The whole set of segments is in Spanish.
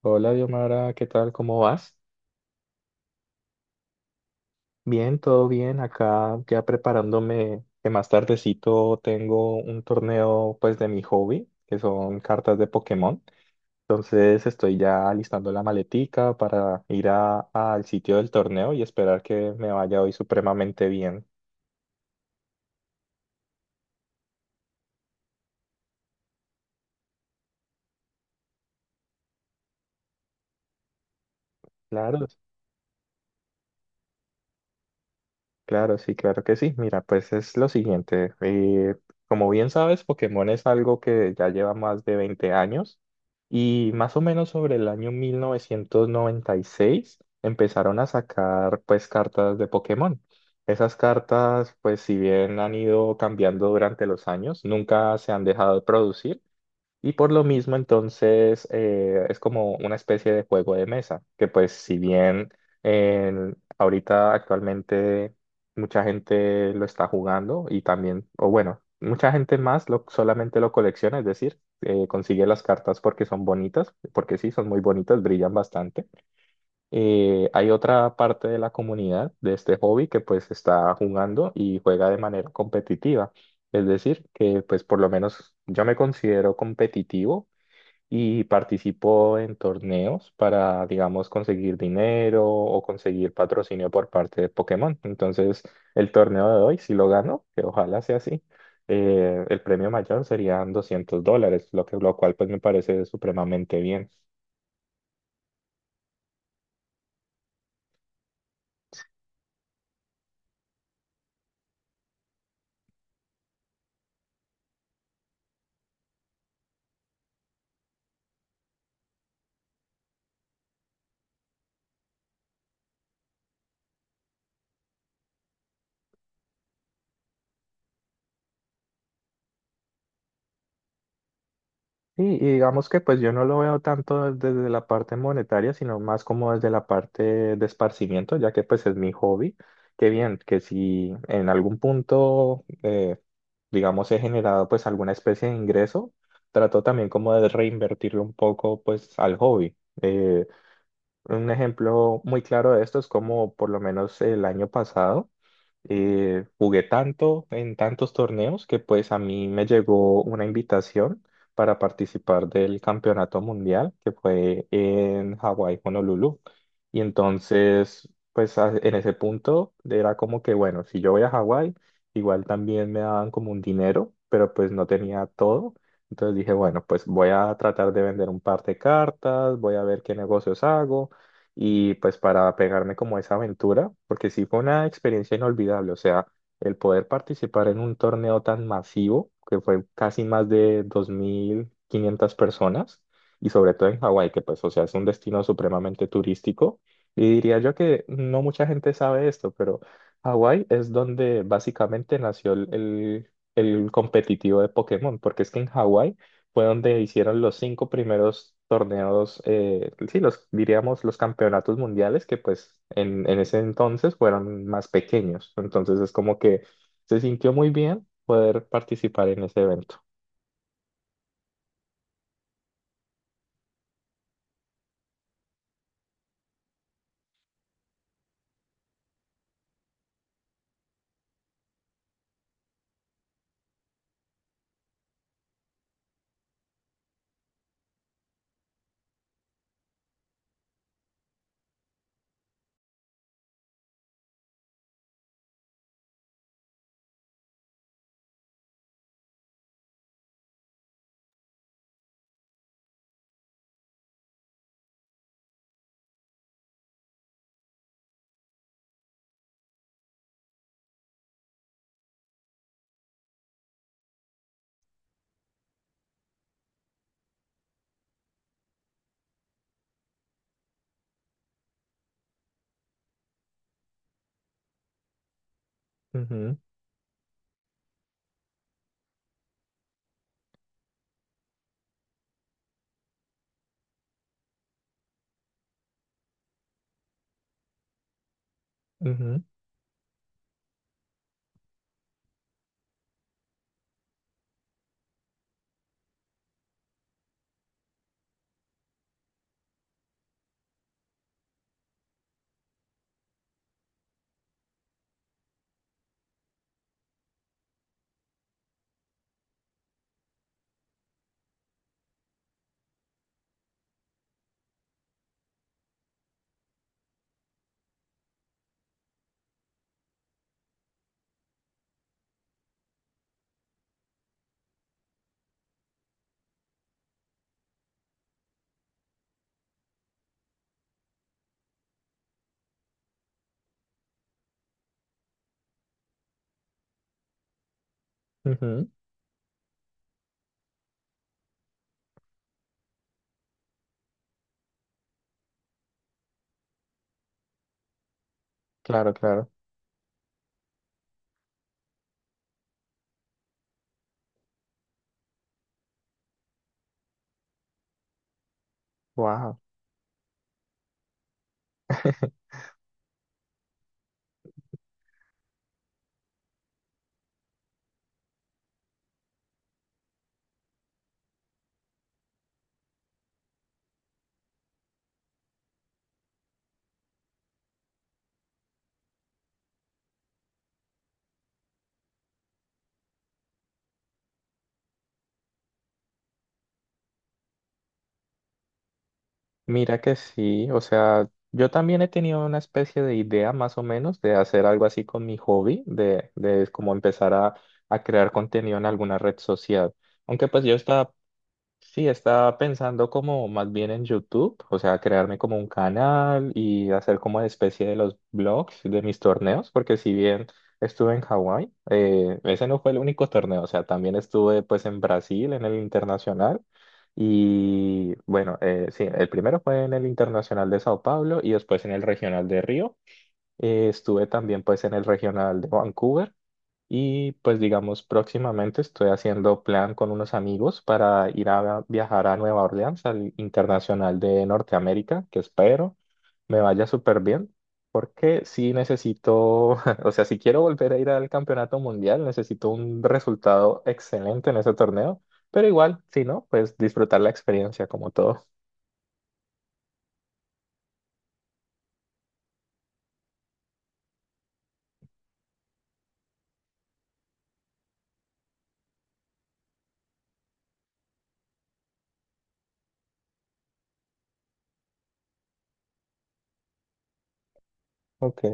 Hola, Diomara, ¿qué tal? ¿Cómo vas? Bien, todo bien. Acá ya preparándome que más tardecito tengo un torneo pues de mi hobby, que son cartas de Pokémon. Entonces estoy ya alistando la maletica para ir al sitio del torneo y esperar que me vaya hoy supremamente bien. Claro. Claro, sí, claro que sí. Mira, pues es lo siguiente. Como bien sabes, Pokémon es algo que ya lleva más de 20 años y más o menos sobre el año 1996 empezaron a sacar pues cartas de Pokémon. Esas cartas pues si bien han ido cambiando durante los años, nunca se han dejado de producir. Y por lo mismo, entonces, es como una especie de juego de mesa, que pues si bien ahorita actualmente mucha gente lo está jugando y también, o bueno, mucha gente más lo, solamente lo colecciona, es decir, consigue las cartas porque son bonitas, porque sí, son muy bonitas, brillan bastante. Hay otra parte de la comunidad de este hobby que pues está jugando y juega de manera competitiva. Es decir, que pues por lo menos yo me considero competitivo y participo en torneos para, digamos, conseguir dinero o conseguir patrocinio por parte de Pokémon. Entonces, el torneo de hoy, si lo gano, que ojalá sea así, el premio mayor serían $200, lo que, lo cual pues me parece supremamente bien. Sí, y digamos que pues yo no lo veo tanto desde la parte monetaria, sino más como desde la parte de esparcimiento, ya que pues es mi hobby. Qué bien, que si en algún punto, digamos, he generado pues alguna especie de ingreso, trato también como de reinvertirlo un poco pues al hobby. Eh, un ejemplo muy claro de esto es como por lo menos el año pasado jugué tanto en tantos torneos que pues a mí me llegó una invitación para participar del campeonato mundial que fue en Hawái, Honolulu. Y entonces, pues en ese punto era como que, bueno, si yo voy a Hawái, igual también me daban como un dinero, pero pues no tenía todo. Entonces dije, bueno, pues voy a tratar de vender un par de cartas, voy a ver qué negocios hago y pues para pegarme como a esa aventura, porque sí fue una experiencia inolvidable, o sea, el poder participar en un torneo tan masivo, que fue casi más de 2.500 personas, y sobre todo en Hawái, que pues, o sea, es un destino supremamente turístico, y diría yo que no mucha gente sabe esto, pero Hawái es donde básicamente nació el competitivo de Pokémon, porque es que en Hawái fue donde hicieron los cinco primeros torneos, sí, los diríamos los campeonatos mundiales, que pues en ese entonces fueron más pequeños. Entonces es como que se sintió muy bien poder participar en ese evento. Ujú, ujú, ujú. Claro, claro. Wow. Mira que sí, o sea, yo también he tenido una especie de idea más o menos de hacer algo así con mi hobby, de como empezar a crear contenido en alguna red social. Aunque pues yo estaba. Sí, estaba pensando como más bien en YouTube, o sea, crearme como un canal y hacer como una especie de los blogs de mis torneos, porque si bien estuve en Hawái, ese no fue el único torneo, o sea, también estuve pues en Brasil, en el internacional, y bueno, sí, el primero fue en el internacional de Sao Paulo y después en el regional de Río. Estuve también pues en el regional de Vancouver. Y pues digamos, próximamente estoy haciendo plan con unos amigos para ir a viajar a Nueva Orleans, al Internacional de Norteamérica, que espero me vaya súper bien, porque sí necesito, o sea, si quiero volver a ir al Campeonato Mundial, necesito un resultado excelente en ese torneo, pero igual, si no, pues disfrutar la experiencia como todo. Ok.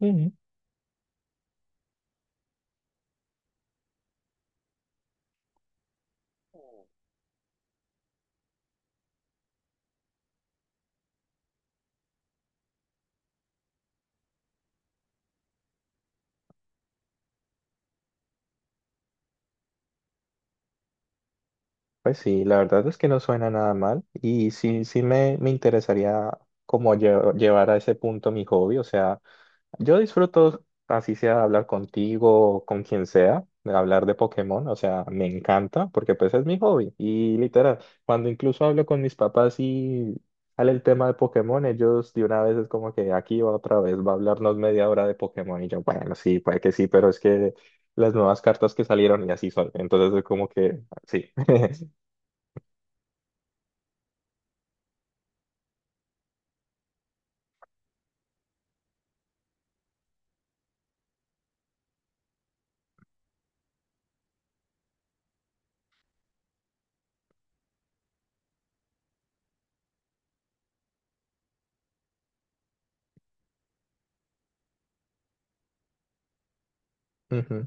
Ujú. Pues sí, la verdad es que no suena nada mal y sí, sí me interesaría como llevar a ese punto mi hobby. O sea, yo disfruto, así sea hablar contigo o con quien sea, de hablar de Pokémon. O sea, me encanta porque pues es mi hobby. Y literal, cuando incluso hablo con mis papás y sale el tema de Pokémon, ellos de una vez es como que aquí va otra vez, va a hablarnos media hora de Pokémon. Y yo, bueno, sí, puede que sí, pero es que las nuevas cartas que salieron y así son. Entonces es como que sí. Ujú,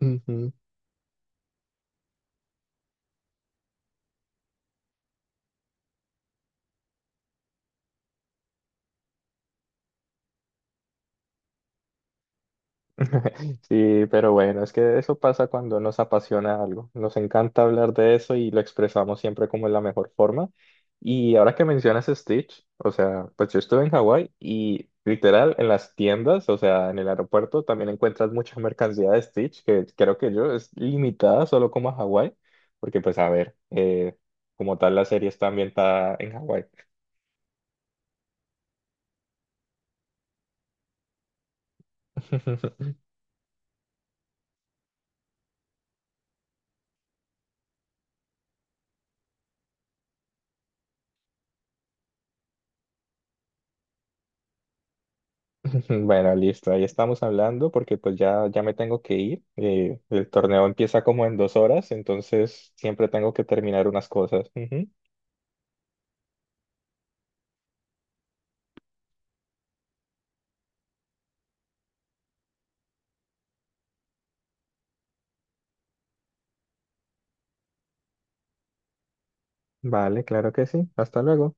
ujú. Sí, pero bueno, es que eso pasa cuando nos apasiona algo. Nos encanta hablar de eso y lo expresamos siempre como en la mejor forma. Y ahora que mencionas Stitch, o sea, pues yo estuve en Hawái y literal en las tiendas, o sea, en el aeropuerto también encuentras mucha mercancía de Stitch, que creo que yo es limitada solo como a Hawái, porque pues a ver, como tal la serie está ambientada en Hawái. Bueno, listo, ahí estamos hablando porque pues ya, ya me tengo que ir. El torneo empieza como en 2 horas, entonces siempre tengo que terminar unas cosas. Ujú. Vale, claro que sí. Hasta luego.